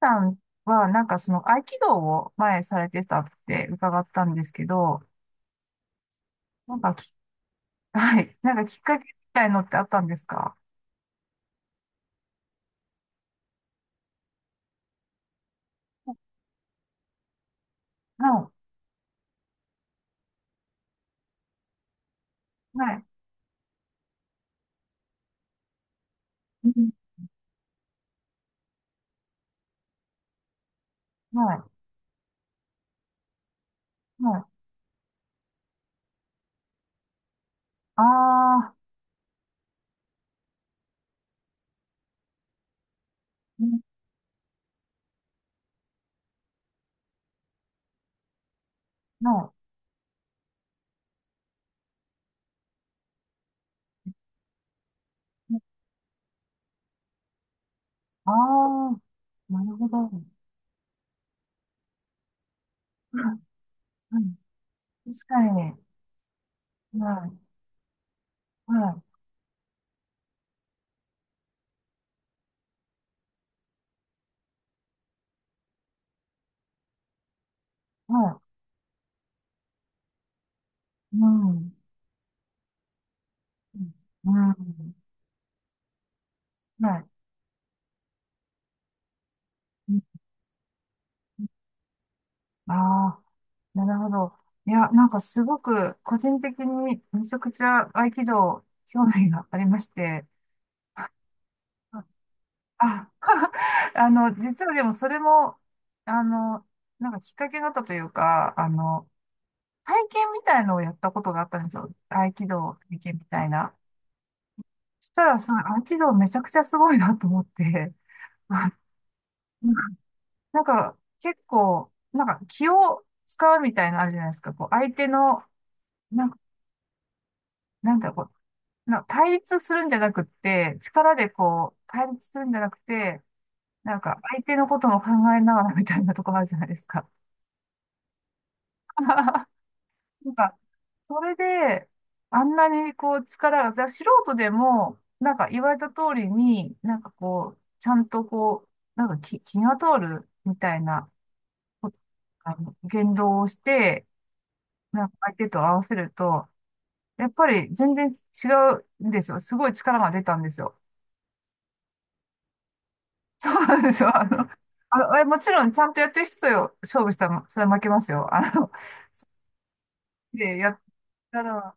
さんは、なんかその合気道を前されてたって伺ったんですけど、なんかき、はい、なんかきっかけみたいのってあったんですか？はい、はい、うん、はい、はい。ああ、うん、はい、ああ、なるほど。うんうん、確かに。はい、はい、はい、うん、うん、うん、はい。ああ、なるほど。いや、なんかすごく個人的にめちゃくちゃ合気道興味がありまして、ああ あの、実はでもそれも、あの、なんかきっかけがあったというか、あの、体験みたいのをやったことがあったんですよ。合気道体験みたいな。そしたら、その合気道めちゃくちゃすごいなと思って、あ、なんか結構、なんか気を使うみたいなのあるじゃないですか。こう相手の、なんか、なんだろう、対立するんじゃなくって、力でこう、対立するんじゃなくて、なんか相手のことも考えながらみたいなとこあるじゃないですか。なんか、それで、あんなにこう力が、じゃあ素人でも、なんか言われた通りに、なんかこう、ちゃんとこう、なんか気、気が通るみたいな、こあの、言動をして、なんか相手と合わせると、やっぱり全然違うんですよ。すごい力が出たんですよ。そうなんですよ。あの、あの、あれもちろんちゃんとやってる人と勝負したら、それは負けますよ。あの、で、やったら、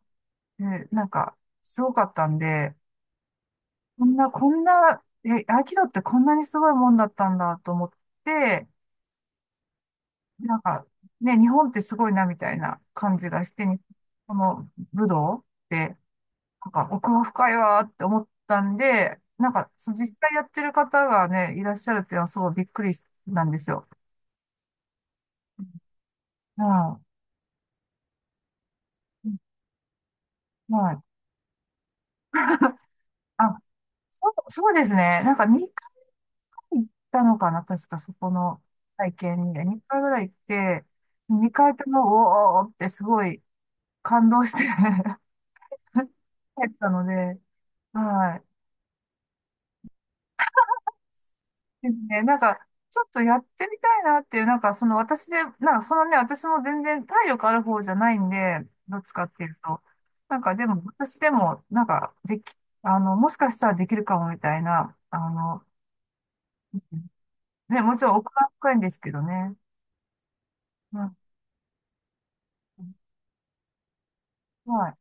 ね、なんか、すごかったんで、こんな、こんな、え、合気道ってこんなにすごいもんだったんだと思って、なんか、ね、日本ってすごいなみたいな感じがして、この武道って、なんか奥が深いわーって思ったんで、なんか、その実際やってる方がね、いらっしゃるっていうのはすごいびっくりなんですよ。うん。はい。あ、そう、そうですね。なんか2回行ったのかな、確かそこの体験に。2回ぐらい行って、2回とも、おーおーってすごい感動して 帰ったので、はい。ですね。なんか、ちょっとやってみたいなっていう、なんかその私で、なんかそのね、私も全然体力ある方じゃないんで、どっちかっていうと。なんかでも、私でも、なんか、でき、あの、もしかしたらできるかもみたいな、あの、ね、もちろん奥が深いんですけどね。うん。はい。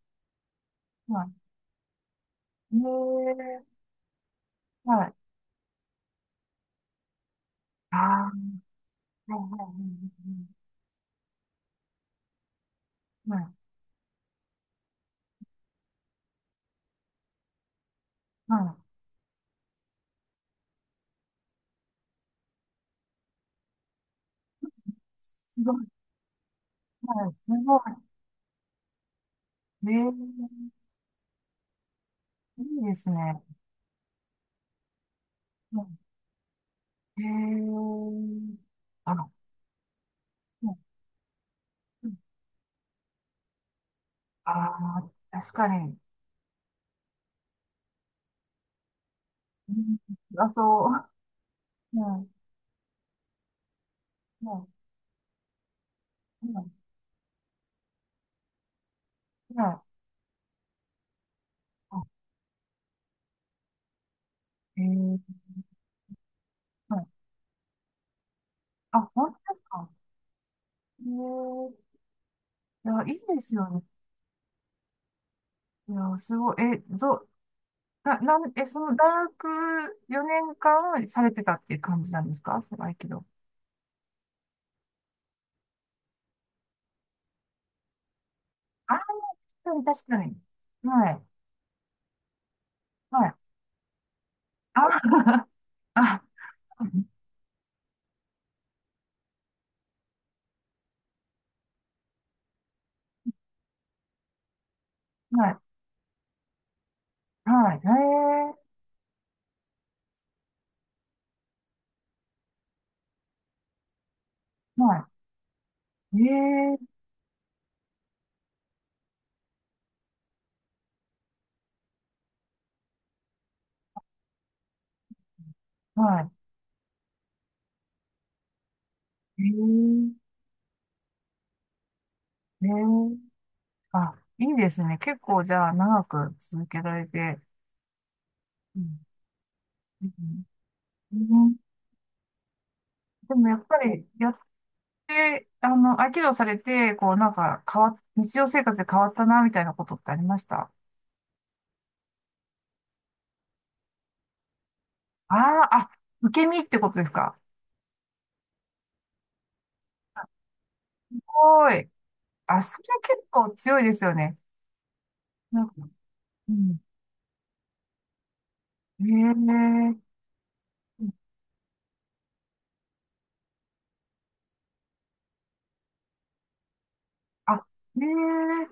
はい。ねえ。はい。ああ。はい。はい。はい。はい。はい、はい、すごい。はい。すごい。ねえ。いいですね。うん。へえ。あの、うんうん、あー、確かに。うん、あ、そう。うん。うん。うん。うん、あ、へえ。はい。あ、本当ですか。へえ。いや、いいですよね。いや、すごい。え、ど、な、なん、え、その大学4年間されてたっていう感じなんですかその合気道？ああ、確かに確かに。はい。はい。あ あ、はい。はい。へえ。はい。へえ。はい。へえ。へえ。あ、いいですね。結構じゃあ長く続けられて。うん。うん。でもやっぱりやって、あの、合気道されて、こうなんか変わっ、日常生活で変わったなみたいなことってありました？ああ、あ、受け身ってことですか？すごい。あ、それ結構強いですよね。なんか、うん。ええ、あ、ええ、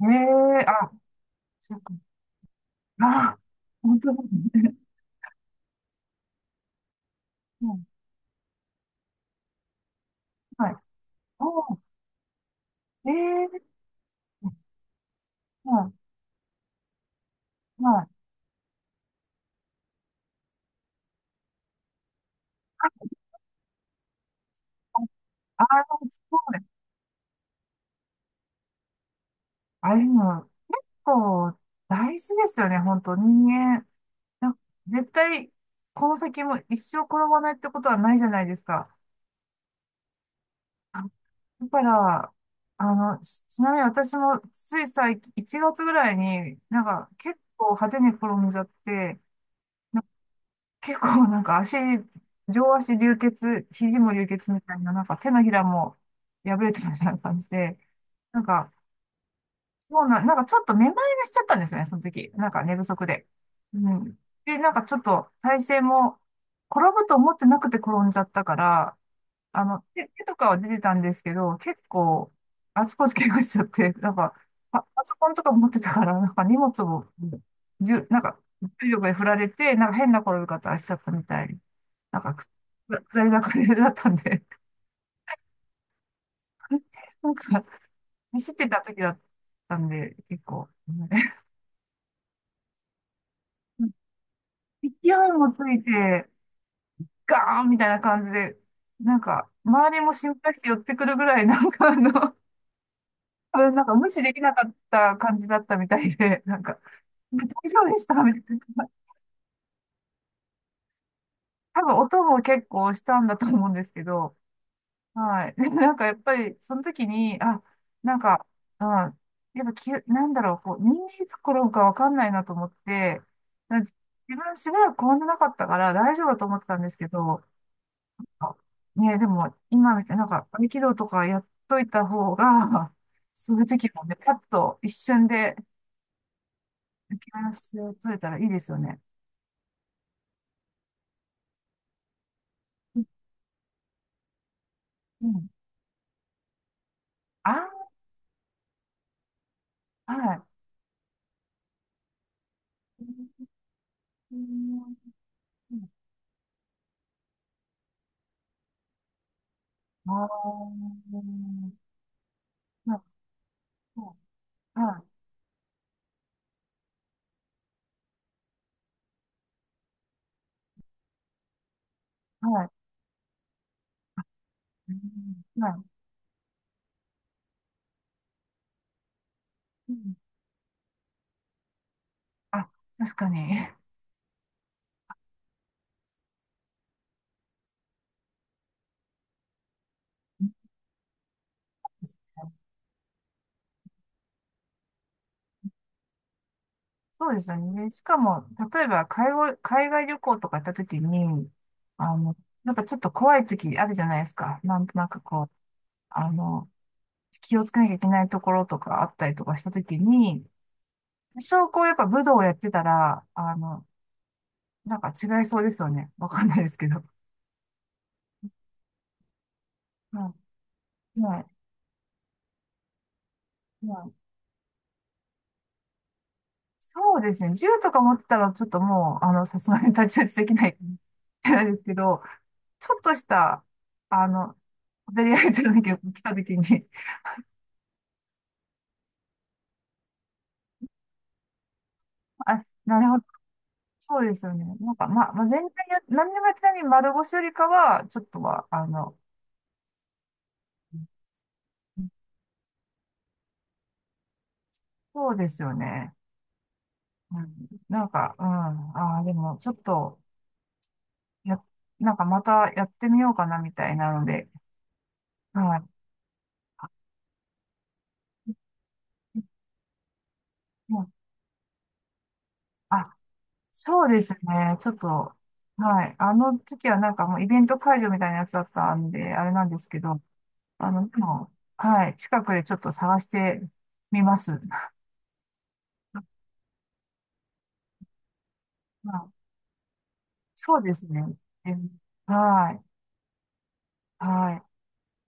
うん、ええ、あ、そうか。あ、本当だね。うん、はい。おー、ええ、はい、はい。あ、あ、そうね。あ、でも、結構大事ですよね、本当人間。なんか絶対、この先も一生転ばないってことはないじゃないですか。あ、だから、あの、ちちなみに私もつい最近、1月ぐらいに、なんか結構派手に転んじゃって、な結構 なんか足、両足流血、肘も流血みたいな、なんか手のひらも破れてるみたいな感じで、なんか、もうなんかちょっとめまいがしちゃったんですね、その時。なんか寝不足で。うん。で、なんかちょっと体勢も、転ぶと思ってなくて転んじゃったから、あの、手、手とかは出てたんですけど、結構、あちこち怪我しちゃって、なんか、パソコンとか持ってたから、なんか荷物を、なんか、重力で振られて、なんか変な転び方しちゃったみたい。なんか、下り坂でだったんで、なんか、走ってた時だったんで、結構、ね 勢いもついて、ガーンみたいな感じで、なんか、周りも心配して寄ってくるぐらい、なんかあの、それなんか無視できなかった感じだったみたいで、なんか、大丈夫でしたみたいな。多分音も結構したんだと思うんですけど、はい。でもなんかやっぱりその時に、あ、なんか、うん、やっぱきゅ、なんだろう、こう、人間いつ転ぶかわかんないなと思って、なんか自分しばらく転んでなかったから大丈夫だと思ってたんですけど、あ、ね、でも今みたいな、なんか合気道とかやっといた方が、そういう時もね、パッと一瞬で焼きハラス取れたらいいですよね。うん、うん、ああ、はい。うん、ああ、はい、はい、はい、うん、はい。うん、あ、確かに。うん、そうですよね。しかも、例えば、海外旅行とか行った時に、あの、やっぱちょっと怖い時あるじゃないですか。なんとなくこう、あの、気をつけなきゃいけないところとかあったりとかした時に、証拠をやっぱ武道をやってたら、あの、なんか違いそうですよね。わかんないですけど。はい。はい。はい。そうですね。銃とか持ってたらちょっともう、あの、さすがに太刀打ちできない なんですけど、ちょっとした、あの、小競り合いじゃないけど、来た時に あ、なるほど。そうですよね。なんか、ま、まあ、全体や、何でもやってないに丸腰よりかは、ちょっとは、あの、そうですよね。うん、なんか、うん。ああ、でも、ちょっと、や、なんかまたやってみようかな、みたいなので、はい。うん、あ、そうですね。ちょっと、はい。あの時はなんかもうイベント会場みたいなやつだったんで、あれなんですけど、あの、でも、はい。近くでちょっと探してみます。まあ、そうですね。え、はい。はい。